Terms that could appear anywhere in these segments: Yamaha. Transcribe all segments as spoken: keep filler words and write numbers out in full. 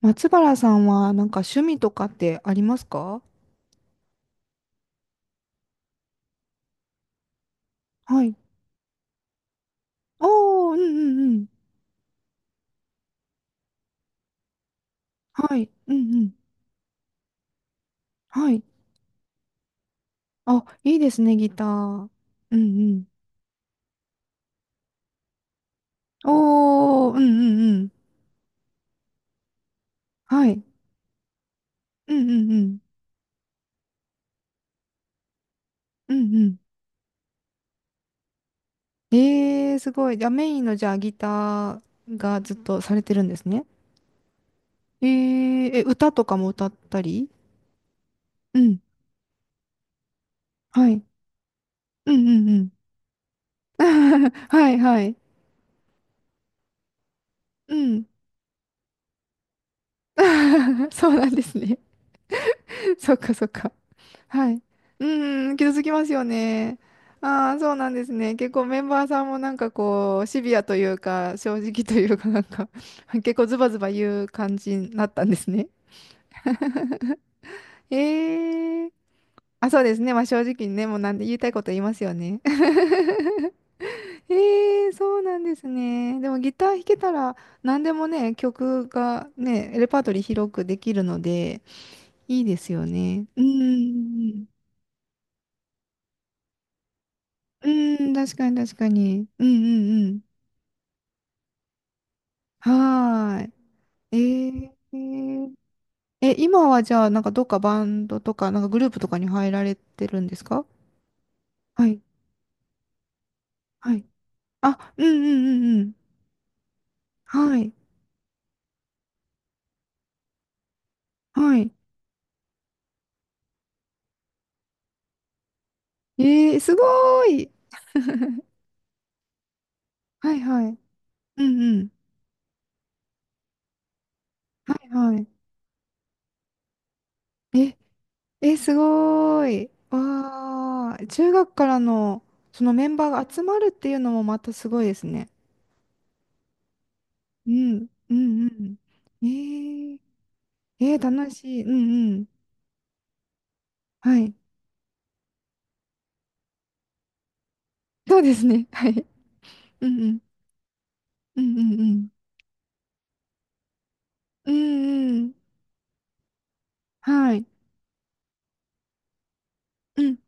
松原さんはなんか趣味とかってありますか？はい。おー、うんうんうん。はい。うんうん。はい。あ、いいですね、ギター。うんうん。おー、うんうんうん。はい。うんうんうん。うんうん。えー、すごい。じゃあメインのじゃあギターがずっとされてるんですね。えー、え、歌とかも歌ったり？うん。はい。うんうんうん。はいはい。うん。そうなんですね。そっかそっか。はい。うんうん、傷つきますよね。ああ、そうなんですね。結構メンバーさんもなんかこう、シビアというか、正直というか、なんか結構ズバズバ言う感じになったんですね。ええ、あ、そうですね。まあ正直にね、もうなんで言いたいこと言いますよね。ええ、そうなんですね。でもギター弾けたら何でもね、曲がね、レパートリー広くできるので、いいですよね。うんうんうん。うーん、確かに確かに。うんうんうん。はーい。えー、え、今はじゃあ、なんかどっかバンドとか、なんかグループとかに入られてるんですか？はい、はい。あ、うんうんうんうん。はい、はい。えー、すごーい。はいはい。うんうん。はいはい。え、え、すごーい。わー。中学からのそのメンバーが集まるっていうのもまたすごいですね。うん、うんうん。えー、えー、楽しい。うんうん。はい。そうですね。はい。うんうん。うんうんうん。うんうん。はい。うん。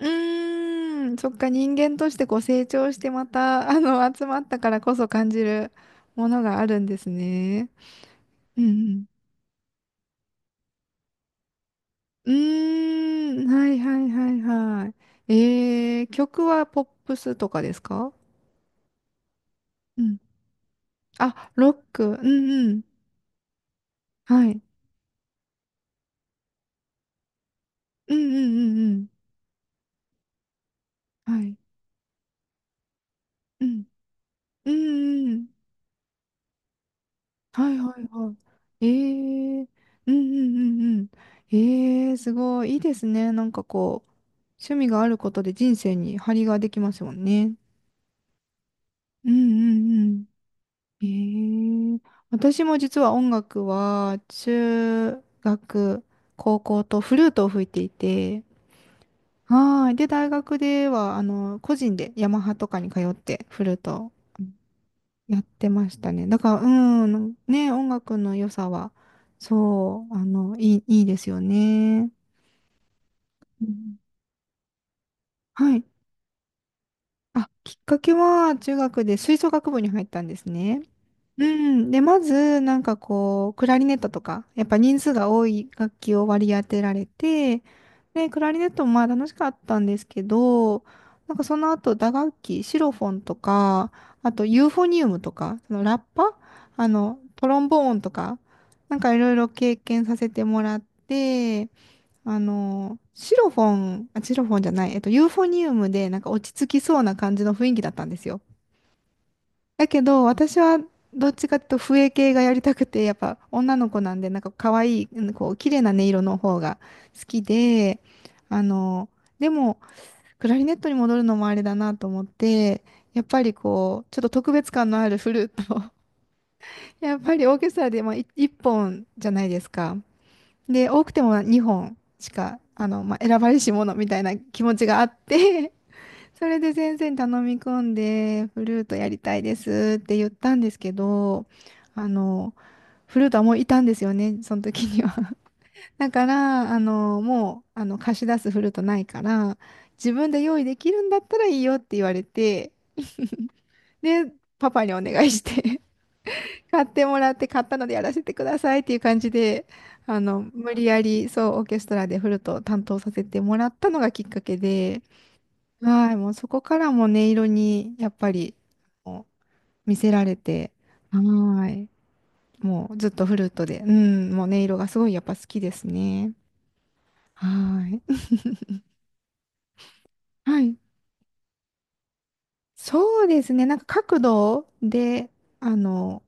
うーん。そっか、人間としてこう成長してまた、あの、集まったからこそ感じるものがあるんですね。うんうん。うーん。はいはいはいはい。えー、曲はポップスとかですか？うん。あ、ロック。うんうん。はい。うんうんうんうん。はい。うん。うんうんうん。はいはいはい。ええ、うんうんうんうん。ええ、すごい。いいですね。なんかこう、趣味があることで人生に張りができますもんね。うんうんうん。ええ、私も実は音楽は、中学、高校とフルートを吹いていて、はい。で、大学では、あの、個人でヤマハとかに通ってフルートやってましたね。だから、うん、ね、音楽の良さは、そう、あの、いい、いいですよね。うん。はい。あ、きっかけは、中学で吹奏楽部に入ったんですね。うん。で、まず、なんかこう、クラリネットとか、やっぱ人数が多い楽器を割り当てられて、で、クラリネットもまあ楽しかったんですけど、なんかその後、打楽器、シロフォンとか、あとユーフォニウムとか、そのラッパ、あの、トロンボーンとか、なんかいろいろ経験させてもらって、あの、シロフォン、あ、シロフォンじゃない、えっと、ユーフォニウムでなんか落ち着きそうな感じの雰囲気だったんですよ。だけど、私はどっちかっていうと笛系がやりたくて、やっぱ女の子なんで、なんか可愛い、うん、こう、綺麗な音色の方が好きで、あの、でも、クラリネットに戻るのもあれだなと思って、やっぱりこう、ちょっと特別感のあるフルートを、 やっぱりオーケストラで、まあ、い一本じゃないですか。で、多くてもにほんしか、あの、まあ、選ばれし者みたいな気持ちがあって、それで先生に頼み込んで、フルートやりたいですって言ったんですけど、あの、フルートはもういたんですよね、その時には。だから、あの、もう、あの、貸し出すフルートないから、自分で用意できるんだったらいいよって言われて、で、パパにお願いして 買ってもらって、買ったのでやらせてくださいっていう感じで、あの、無理やり、そう、オーケストラでフルートを担当させてもらったのがきっかけで、はい、もうそこからもう音色にやっぱりもう見せられて、はい、もうずっとフルートで、うん、もう音色がすごいやっぱ好きですね。はい。はい。そうですね、なんか角度で、あの、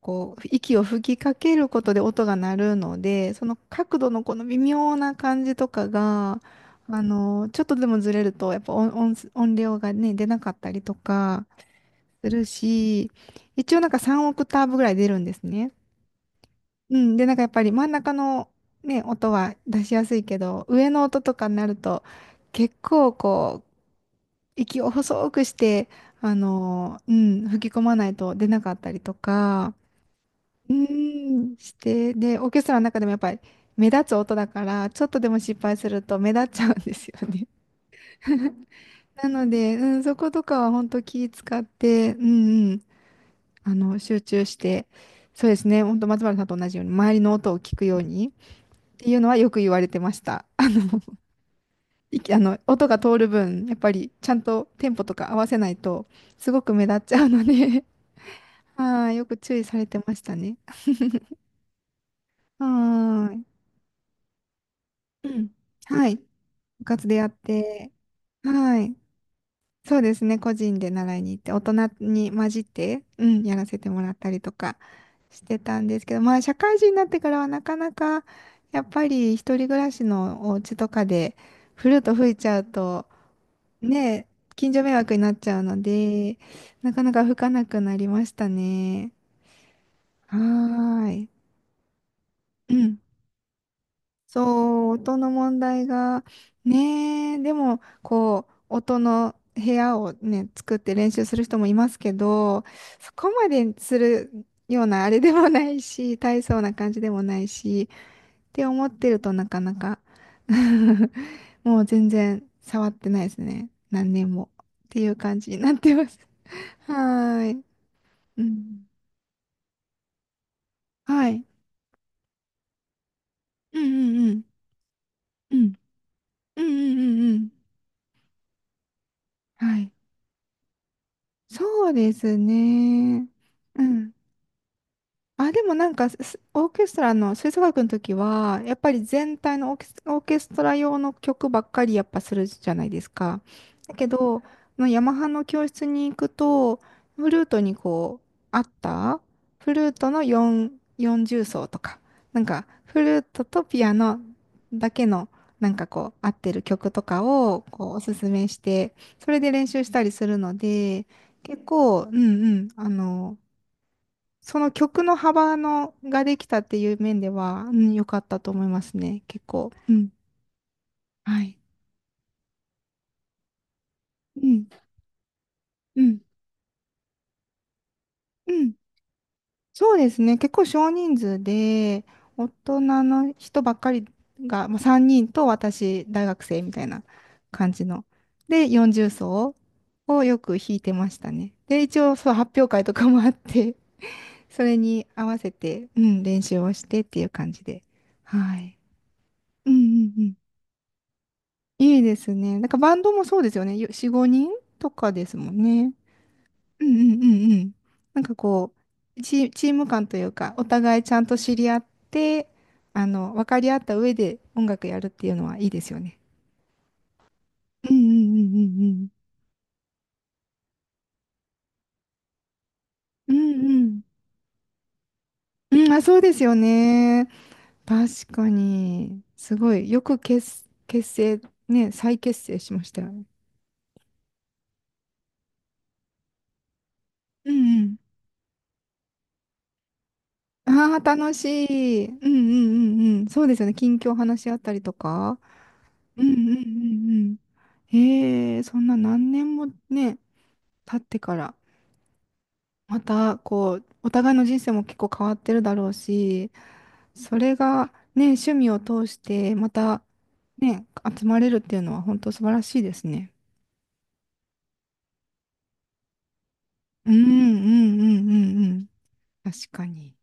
こう、息を吹きかけることで音が鳴るので、その角度のこの微妙な感じとかが、あの、ちょっとでもずれると、やっぱ音、音、音量がね、出なかったりとか、するし、一応なんかさんオクターブぐらい出るんですね。うん。で、なんかやっぱり真ん中のね、音は出しやすいけど、上の音とかになると、結構こう、息を細くして、あの、うん、吹き込まないと出なかったりとか、うん、して、で、オーケストラの中でもやっぱり目立つ音だから、ちょっとでも失敗すると目立っちゃうんですよね。なので、うん、そことかは本当気使って、うん、あの、集中して、そうですね、本当松原さんと同じように、周りの音を聞くようにっていうのはよく言われてました。あの、いき、あの、音が通る分、やっぱりちゃんとテンポとか合わせないと、すごく目立っちゃうので、 はい、よく注意されてましたね。はーい。うん。はい。部活でやって、はい。そうですね、個人で習いに行って、大人に混じって、うん、やらせてもらったりとかしてたんですけど、まあ、社会人になってからはなかなか、やっぱり一人暮らしのお家とかで、フルート吹いちゃうと、ね、近所迷惑になっちゃうので、なかなか吹かなくなりましたね。はーい。うん、そう、音の問題が、ねえ、でも、こう、音の部屋をね、作って練習する人もいますけど、そこまでするようなあれでもないし、大層な感じでもないし、って思ってるとなかなか もう全然触ってないですね。何年も。っていう感じになってます。はーい。うん。はい。うんうんうん。うん。うんうんうんうん。はい。そうですね。うん。あ、でもなんかす、オーケストラの吹奏楽の時は、やっぱり全体のオーケス、オーケストラ用の曲ばっかりやっぱするじゃないですか。だけど、のヤマハの教室に行くと、フルートにこう、あったフルートのよん、よんじゅう奏とか、なんか、フルートとピアノだけの、なんかこう、合ってる曲とかを、こう、おすすめして、それで練習したりするので、結構、うん、うん、あの、その曲の幅のができたっていう面では、うん、良かったと思いますね。結構。うん。はい。うん。うん。うん。そうですね。結構少人数で、大人の人ばっかりが、まあ、さんにんと私、大学生みたいな感じの。で、よんじゅう奏をよく弾いてましたね。で、一応、そう、発表会とかもあって、それに合わせて、うん、練習をしてっていう感じで。はい。うんうんうん。いいですね。なんかバンドもそうですよね。よよん、ごにんとかですもんね。うんうんうんうん。なんかこう、チ、チーム感というか、お互いちゃんと知り合って、あの、分かり合った上で音楽やるっていうのはいいですよね。うんうんうんうんうん。うんうん。うん、あ、そうですよね。確かに。すごい。よく結、結成、ね、再結成しましたよね。うんうん。ああ、楽しい。うんうんうんうん。そうですよね。近況話し合ったりとか。うんうんうんうん。ええ、そんな何年もね、経ってから、またこう、お互いの人生も結構変わってるだろうし、それがね、趣味を通して、またね、集まれるっていうのは本当素晴らしいですね。うんうんうんうんうん。確かに。